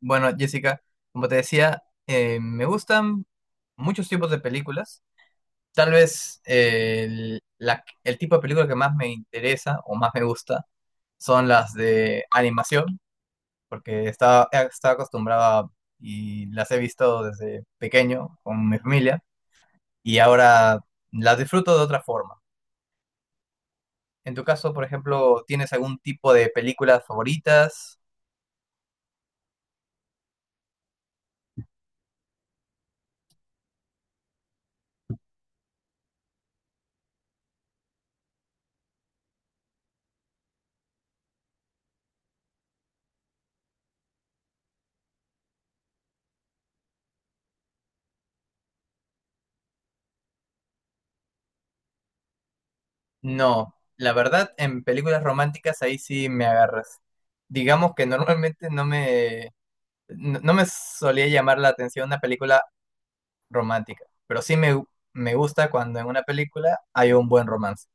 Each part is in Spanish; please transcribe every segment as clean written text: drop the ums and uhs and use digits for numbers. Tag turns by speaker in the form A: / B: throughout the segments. A: Bueno, Jessica, como te decía, me gustan muchos tipos de películas. Tal vez el tipo de película que más me interesa o más me gusta son las de animación, porque estaba acostumbrado a- y las he visto desde pequeño con mi familia y ahora las disfruto de otra forma. En tu caso, por ejemplo, ¿tienes algún tipo de películas favoritas? No, la verdad, en películas románticas ahí sí me agarras. Digamos que normalmente no me, no me solía llamar la atención una película romántica, pero me gusta cuando en una película hay un buen romance.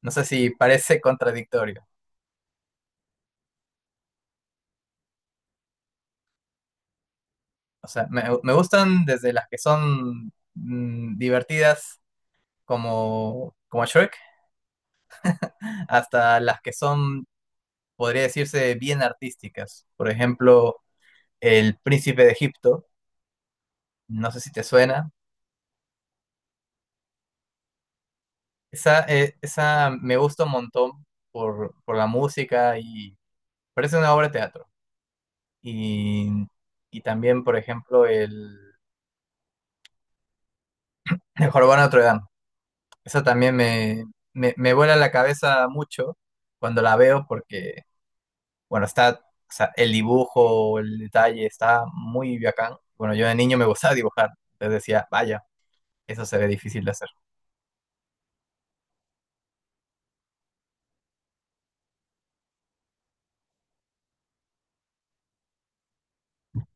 A: No sé si parece contradictorio. O sea, me gustan desde las que son divertidas como Shrek, hasta las que son, podría decirse, bien artísticas. Por ejemplo, El Príncipe de Egipto. No sé si te suena. Esa, esa me gusta un montón por la música y parece una obra de teatro. Y, y también, por ejemplo, el, el Jorobado de Notre Dame. Esa también me vuela la cabeza mucho cuando la veo porque, bueno, o sea, el dibujo, el detalle está muy bacán. Bueno, yo de niño me gustaba dibujar. Entonces decía, vaya, eso se ve difícil de hacer.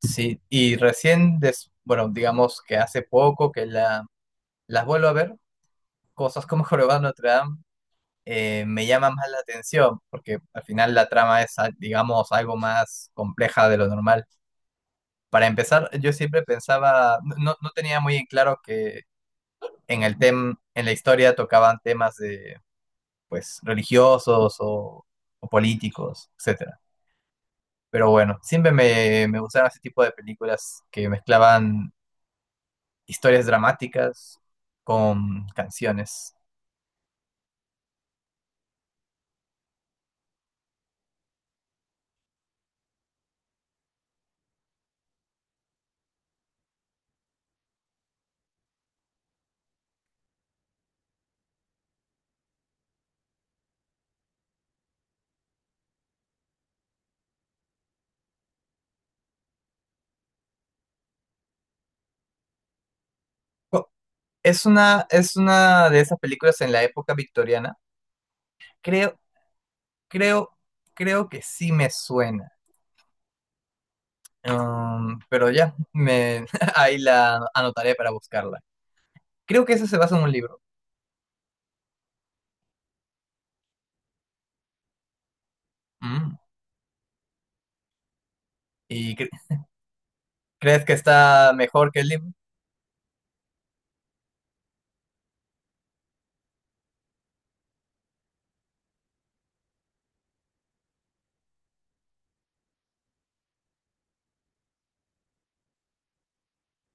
A: Sí, y recién, des- bueno, digamos que hace poco que las vuelvo a ver cosas como Jorobado de Notre Dame me llaman más la atención, porque al final la trama es, ah, digamos, algo más compleja de lo normal. Para empezar, yo siempre pensaba, no, no tenía muy en claro que en la historia tocaban temas de, pues, religiosos o políticos, etcétera. Pero bueno, me gustaron ese tipo de películas que mezclaban historias dramáticas con canciones. ¿Cu- es una de esas películas en la época victoriana. Creo, creo, creo que sí me suena. Pero ya, me, ahí la anotaré para buscarla. Creo que eso se basa en un libro. Mm. ¿Y cre- crees que está mejor que el libro?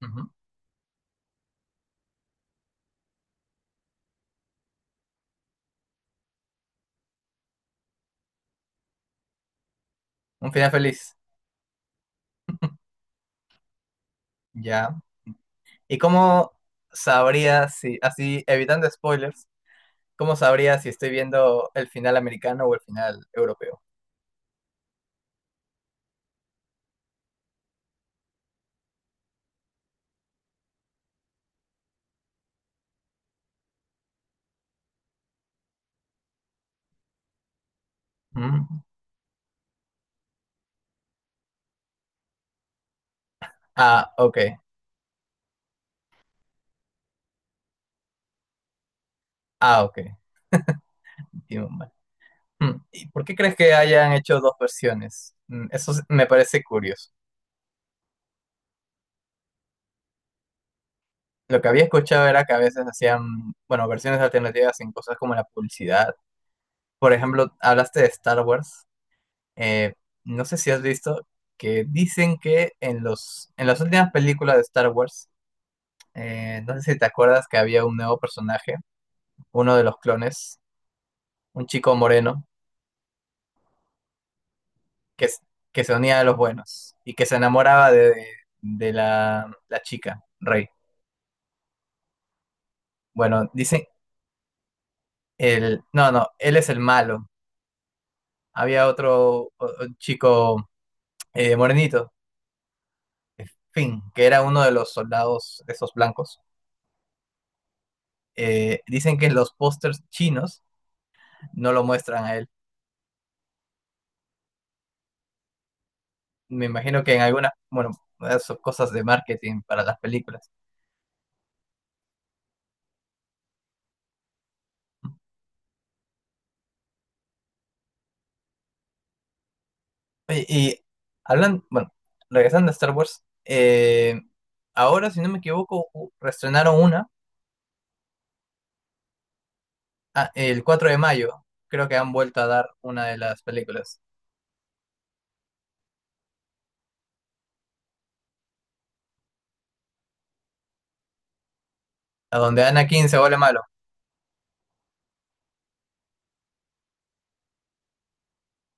A: Ujú. Un final feliz. Ya. ¿Y cómo sabría si, así, evitando spoilers, cómo sabría si estoy viendo el final americano o el final europeo? Mm. Ah, ok. Ah, ok. Tiene un- Mm, ¿y por qué crees que hayan hecho dos versiones? Mm, eso s- me parece curioso. Lo que había escuchado era que a veces hacían, bueno, versiones alternativas en cosas como la publicidad. Por ejemplo, hablaste de Star Wars. Eh, no sé si has visto que dicen que en en las últimas películas de Star Wars, no sé si te acuerdas que había un nuevo personaje, uno de los clones, un chico moreno, que, s- que se unía a los buenos y que se enamoraba de la chica, Rey. Bueno, dicen, el, no, no, él es el malo. Había otro o chico morenito, eh, Finn, que era uno de los soldados esos blancos. Dicen que los pósters chinos no lo muestran a él. Me imagino que en algunas, bueno, esas son cosas de marketing para las películas. Oye, y, hablan, bueno, regresando a Star Wars, ahora, si no me equivoco, u- reestrenaron una ah, el 4 de mayo. Creo que han vuelto a dar una de las películas, a donde Anakin se vuelve malo.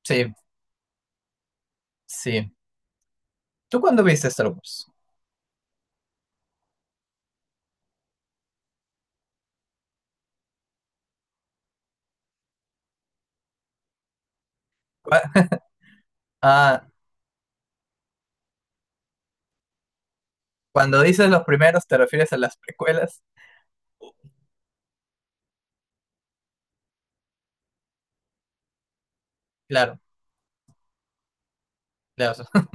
A: Sí, sí. ¿Tú cuándo viste Star Wars? Cu- Ah, cuando dices los primeros, ¿te refieres a las precuelas? Claro, claro.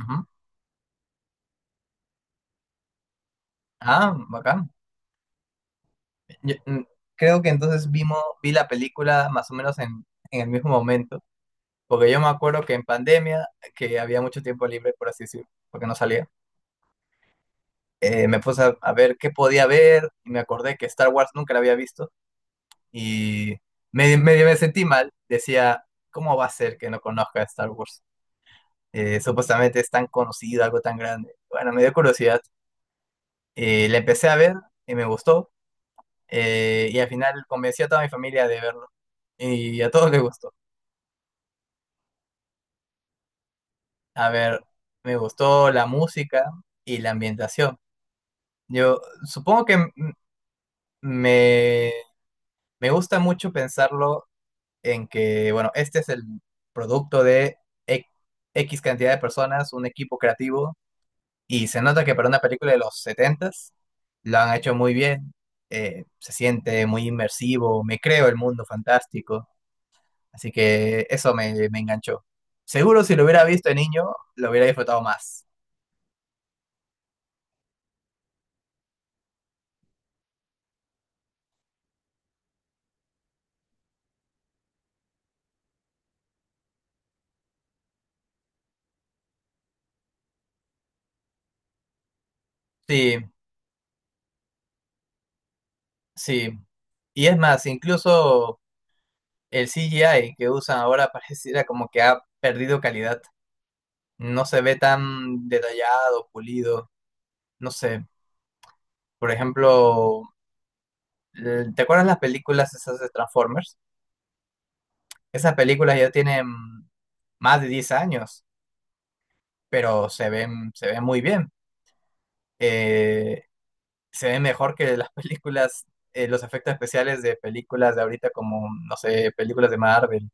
A: Ujú. Ah, bacán. Yo, mm, creo que entonces vimos, vi la película más o menos en el mismo momento, porque yo me acuerdo que en pandemia, que había mucho tiempo libre, por así decirlo, porque no salía, me puse a ver qué podía ver y me acordé que Star Wars nunca la había visto y medio, medio me sentí mal. Decía, ¿cómo va a ser que no conozca Star Wars? Supuestamente es tan conocido, algo tan grande. Bueno, me dio curiosidad. La empecé a ver y me gustó. Y al final convencí a toda mi familia de verlo. Y a todos les gustó. A ver, me gustó la música y la ambientación. Yo supongo que m- me, me gusta mucho pensarlo en que, bueno, este es el producto de e- X cantidad de personas, un equipo creativo. Y se nota que para una película de los setentas s lo han hecho muy bien. Se siente muy inmersivo, me creo el mundo fantástico. Así que me enganchó. Seguro si lo hubiera visto de niño, lo hubiera disfrutado más. Sí, sí. Y es más, incluso el CGI que usan ahora pareciera como que ha perdido calidad. No se ve tan detallado, pulido. No sé. Por ejemplo, ¿te acuerdas las películas esas de Transformers? Esas películas ya tienen más de 10 años, pero se ven muy bien. Eh, se ven mejor que las películas, los efectos especiales de películas de ahorita como, no sé, películas de Marvel.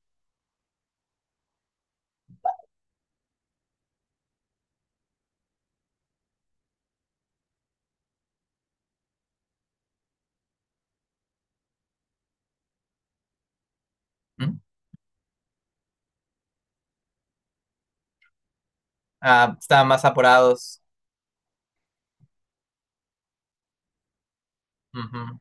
A: ¿Mm? Ah, están más apurados. Ujú.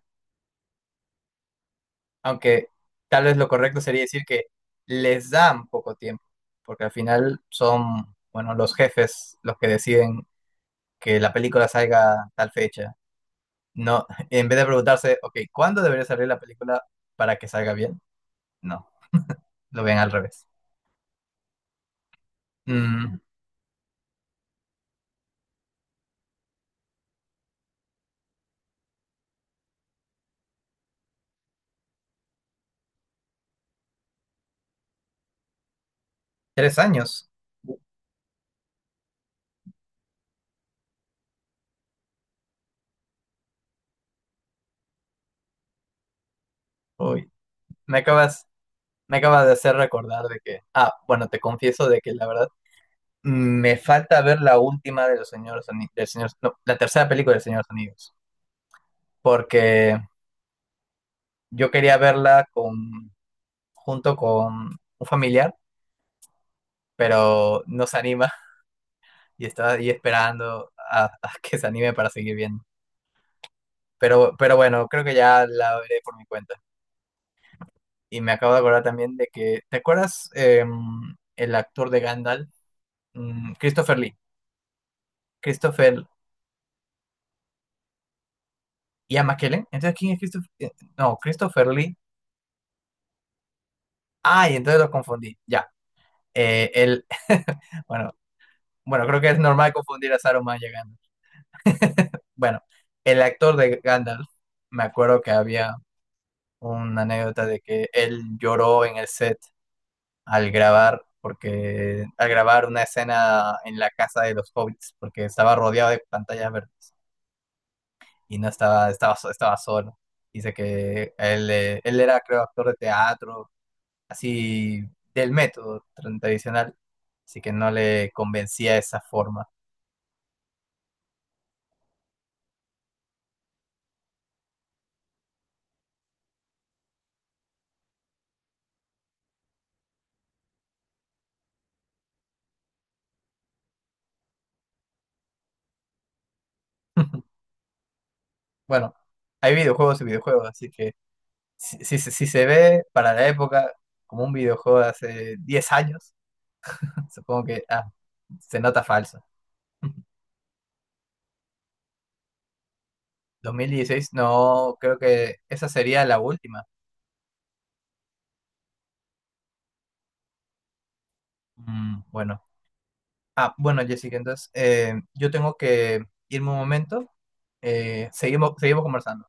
A: Aunque tal vez lo correcto sería decir que les dan poco tiempo, porque al final son, bueno, los jefes los que deciden que la película salga tal fecha. No, en vez de preguntarse, ok, ¿cuándo debería salir la película para que salga bien? No, lo ven al revés. Mm, tres años. Uy, me acabas, me acabas de hacer recordar de que, ah, bueno, te confieso de que la verdad me falta ver la última de los señores Ani- del señor, no, la tercera película de Señores Unidos, porque yo quería verla con, junto con un familiar, pero no se anima y estaba ahí esperando a que se anime para seguir viendo. Pero bueno, creo que ya la veré por mi cuenta. Y me acabo de acordar también de que, ¿te acuerdas el actor de Gandalf? Mm, Christopher Lee. Christopher Ian McKellen. Entonces, ¿quién es Christopher? No, Christopher Lee. Ay, entonces lo confundí. Ya. Él, bueno, bueno, creo que es normal confundir a Saruman llegando. Bueno, el actor de Gandalf, me acuerdo que había una anécdota de que él lloró en el set al grabar, porque al grabar una escena en la casa de los hobbits, porque estaba rodeado de pantallas verdes y no estaba, estaba, so- estaba solo. Dice que él, él era, creo, actor de teatro, así del método tra- tradicional, así que no le convencía esa forma. Bueno, hay videojuegos y videojuegos, así que si, si se ve para la época como un videojuego de hace 10 años, supongo que ah, se nota falso. 2016 no, creo que esa sería la última. Mm, bueno. Ah, bueno, Jessica, entonces yo tengo que irme un momento. Seguimos, seguimos conversando.